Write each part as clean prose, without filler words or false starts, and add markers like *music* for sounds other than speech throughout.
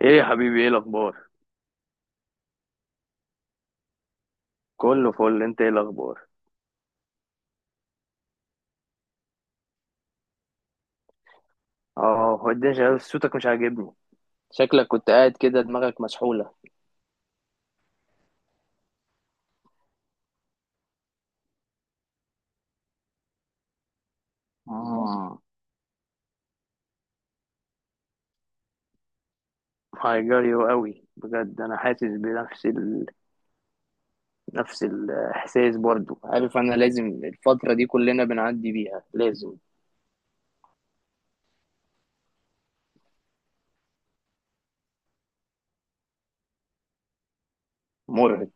ايه يا حبيبي ايه الاخبار. كله فل، انت ايه الاخبار؟ اه، هو الدنيا شغالة، بس صوتك مش عاجبني. شكلك كنت قاعد كده دماغك مسحولة. امم هيجري قوي بجد، انا حاسس بنفس ال... نفس الاحساس برضو. عارف أنا لازم الفترة دي كلنا بنعدي بيها، لازم. مرهق.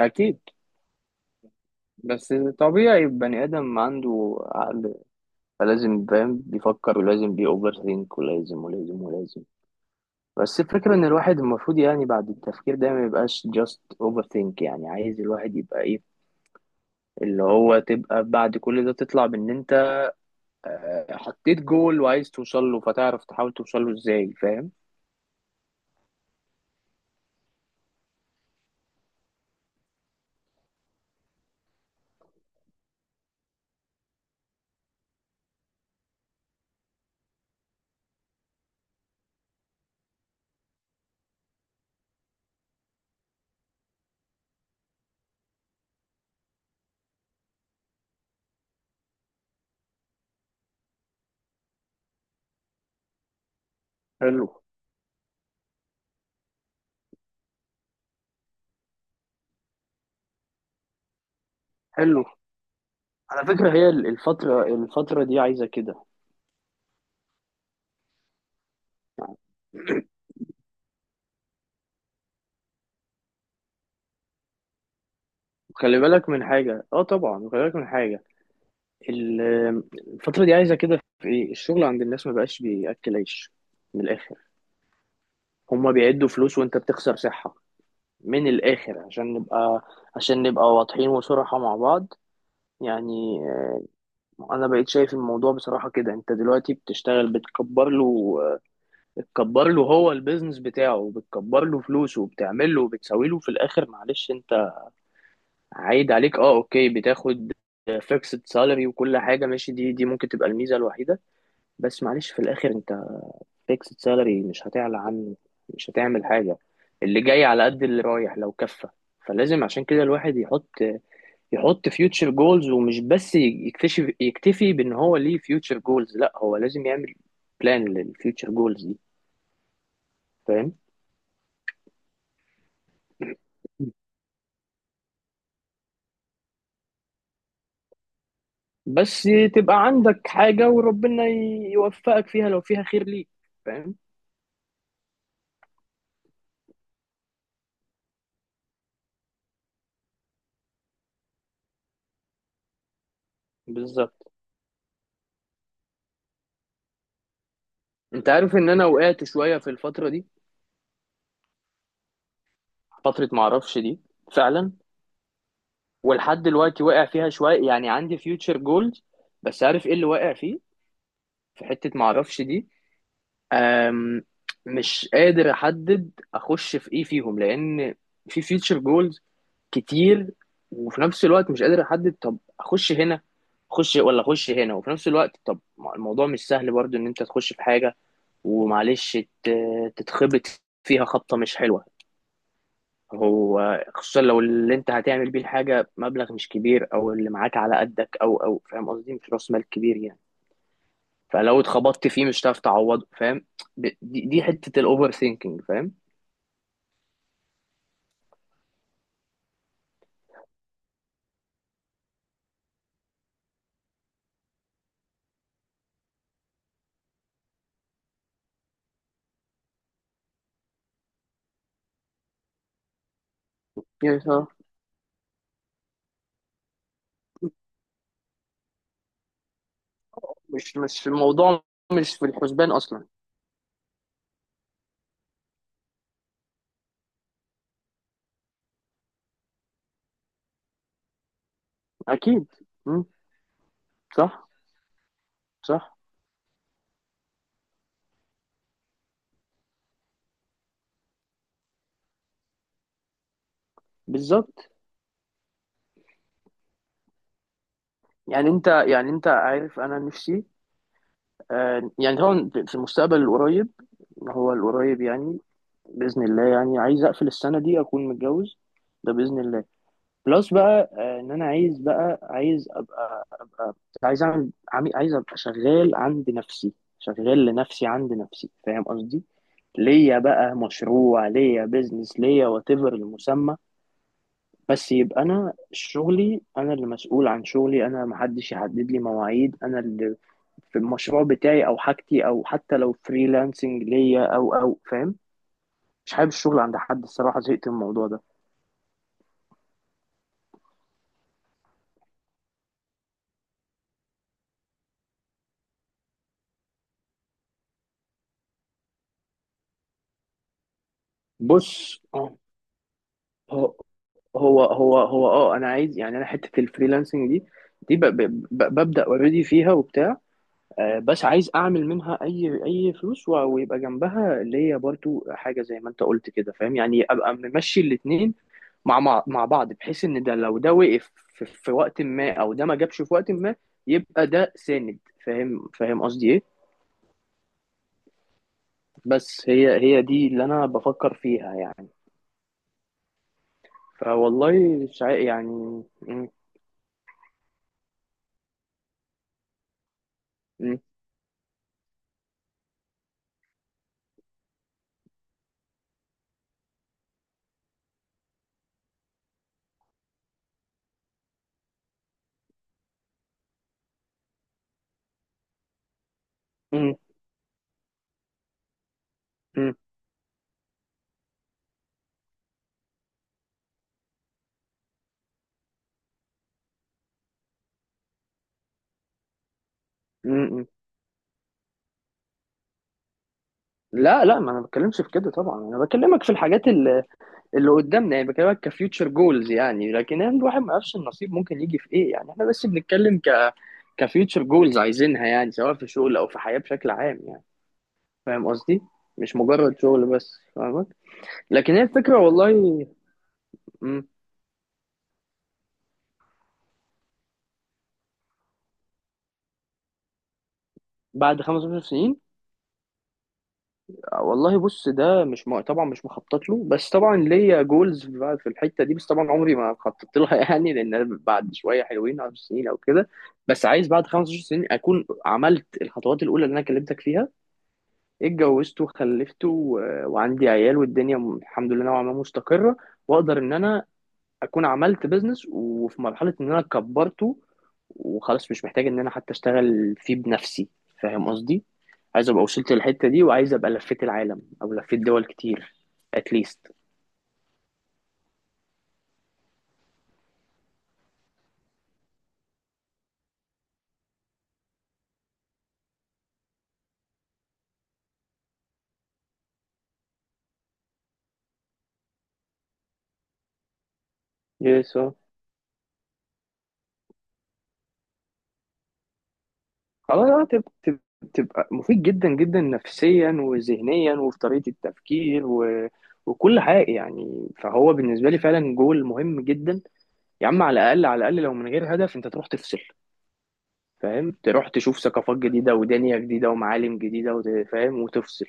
أكيد. بس طبيعي، بني آدم عنده عقل، فلازم فاهم بيفكر، ولازم بيأوفر ثينك، ولازم ولازم ولازم. بس الفكرة إن الواحد المفروض يعني بعد التفكير ده ما يبقاش just overthink. يعني عايز الواحد يبقى إيه، اللي هو تبقى بعد كل ده تطلع بإن أنت آه، حطيت جول وعايز توصل له، فتعرف تحاول توصل له إزاي، فاهم؟ حلو. حلو. على فكرة هي الفترة الفترة دي عايزة كده. خلي بالك من حاجة، اه طبعا خلي بالك من حاجة. ال- الفترة دي عايزة كده في إيه، الشغل عند الناس ما بقاش بيأكل عيش. من الآخر، هما بيعدوا فلوس وأنت بتخسر صحة. من الآخر عشان نبقى. عشان نبقى واضحين وصراحة مع بعض، يعني آه، أنا بقيت شايف الموضوع بصراحة كده. أنت دلوقتي بتشتغل بتكبر له آه، بتكبر له، هو البيزنس بتاعه بتكبر له فلوسه وبتعمل له وبتسوي له. في الآخر معلش أنت عايد عليك أه، أوكي، بتاخد فيكسد سالري وكل حاجة، ماشي، دي ممكن تبقى الميزة الوحيدة. بس معلش في الآخر أنت فيكسد سالري مش هتعلى عنه. مش هتعمل حاجة. اللي جاي على قد اللي رايح لو كفى. فلازم عشان كده الواحد يحط، يحط فيوتشر جولز، ومش بس يكتشف يكتفي بان هو ليه فيوتشر جولز، لا هو لازم يعمل بلان للفيوتشر جولز دي، فاهم. بس تبقى عندك حاجة وربنا يوفقك فيها لو فيها خير ليك، فاهم. بالظبط. انت عارف ان انا وقعت شوية في الفترة دي. فترة معرفش دي، فعلا. ولحد دلوقتي واقع فيها شوية. يعني عندي فيوتشر جولز، بس عارف ايه اللي واقع فيه؟ في حتة معرفش دي. أم، مش قادر احدد اخش في ايه فيهم، لان في فيوتشر جولز كتير، وفي نفس الوقت مش قادر احدد طب اخش هنا، اخش ولا اخش هنا. وفي نفس الوقت طب ما الموضوع مش سهل برضو، ان انت تخش في حاجة ومعلش تتخبط فيها خبطة مش حلوة. هو خصوصا لو اللي انت هتعمل بيه الحاجة مبلغ مش كبير، او اللي معاك على قدك، او او فاهم قصدي، مش راس مال كبير يعني. فلو اتخبطت فيه مش هتعرف تعوضه، فاهم. دي حتة الاوفر ثينكينج، فاهم. يعني صح. مش مش الموضوع، مش في الحسبان اصلا. اكيد. مم. صح. صح. بالظبط. يعني انت، يعني انت عارف انا نفسي آه، يعني طبعا في المستقبل القريب، هو القريب يعني باذن الله، يعني عايز اقفل السنه دي اكون متجوز، ده باذن الله. بلس بقى آه، ان انا عايز بقى، عايز ابقى ابقى، عايز اعمل عايز ابقى شغال عند نفسي، شغال لنفسي عند نفسي، فاهم قصدي. ليا بقى مشروع، ليا بيزنس ليا، وات ايفر المسمى. بس يبقى انا شغلي، انا اللي مسؤول عن شغلي، انا محدش يحدد لي مواعيد، انا اللي في المشروع بتاعي او حاجتي، او حتى لو فريلانسنج ليا، او او فاهم. مش حابب الشغل عند حد الصراحة، زهقت من الموضوع ده. بص، هو هو اه انا عايز، يعني انا حته الفريلانسنج دي، دي ببدا اوريدي فيها وبتاع آه، بس عايز اعمل منها اي فلوس، ويبقى جنبها اللي هي برضو حاجه زي ما انت قلت كده، فاهم. يعني ابقى ممشي الاتنين مع بعض، بحيث ان ده لو ده وقف في وقت ما، او ده ما جابش في وقت ما، يبقى ده ساند، فاهم. فاهم قصدي ايه. بس هي، هي دي اللي انا بفكر فيها يعني. فوالله مش عا- يعني م- م- م- م- م- م. لا لا، ما انا بتكلمش في كده طبعا. انا بكلمك في الحاجات اللي قدامنا، يعني بكلمك كفيوتشر جولز. يعني لكن يعني الواحد ما يعرفش النصيب ممكن يجي في ايه، يعني احنا بس بنتكلم كفيوتشر جولز عايزينها، يعني سواء في شغل او في حياة بشكل عام يعني، فاهم قصدي. مش مجرد شغل بس، فاهمك. لكن هي الفكرة والله م، بعد 15 سنين. والله بص، ده مش طبعا مش مخطط له. بس طبعا ليا جولز بقى في الحته دي، بس طبعا عمري ما خططت لها *laughs* يعني لان أنا بعد شويه حلوين 10 سنين او كده، بس عايز بعد 15 سنين اكون عملت الخطوات الاولى اللي انا كلمتك فيها، اتجوزت وخلفت و... وعندي عيال، والدنيا الحمد لله نوعا ما مستقره، واقدر ان انا اكون عملت بيزنس وفي مرحله ان انا كبرته، وخلاص مش محتاج ان انا حتى اشتغل فيه بنفسي، فاهم قصدي. عايز ابقى وصلت للحته دي، وعايز ابقى لفيت العالم او لفيت دول كتير اتليست. يس اه. خلاص آه، تبقى مفيد جدا جدا نفسيا وذهنيا وفي طريقه التفكير و... وكل حاجه يعني. فهو بالنسبه لي فعلا جول مهم جدا. يا عم على الاقل، على الاقل لو من غير هدف انت تروح تفصل، فاهم، تروح تشوف ثقافات جديدة ودنيا جديدة ومعالم جديدة فاهم وتفصل.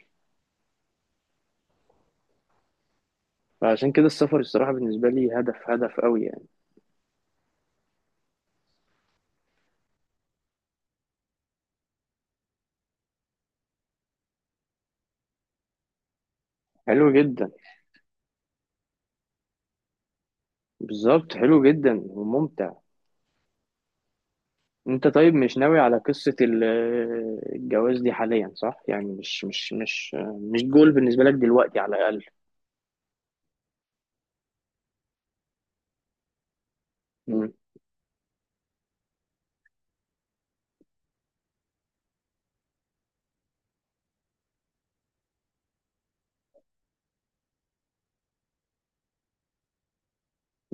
فعشان كده السفر الصراحة بالنسبة لي هدف، هدف قوي يعني. حلو جدا. بالظبط، حلو جدا وممتع. انت طيب مش ناوي على قصة الجواز دي حاليا، صح؟ يعني مش مش مش مش جول بالنسبة لك دلوقتي على الأقل. امم.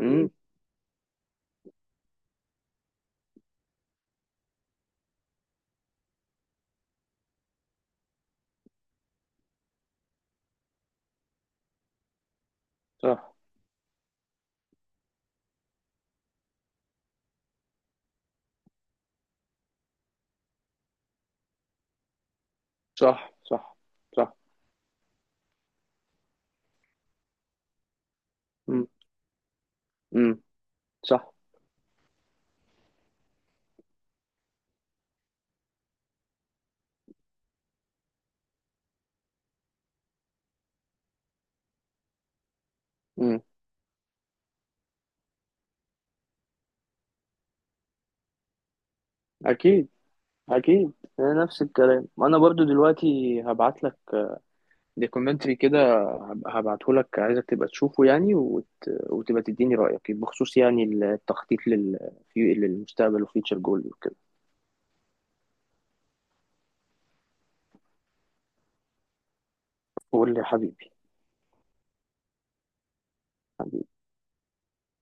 امم. صح. صح. صح. صح. امم. امم. صح. امم. اكيد. اكيد. نفس الكلام انا برضو. دلوقتي هبعت لك دي كومنتري كده، هبعتهولك، عايزك تبقى تشوفه يعني وت... وتبقى تديني رأيك بخصوص يعني التخطيط لل... للمستقبل وفيوتشر جول وكده. قول لي يا حبيبي.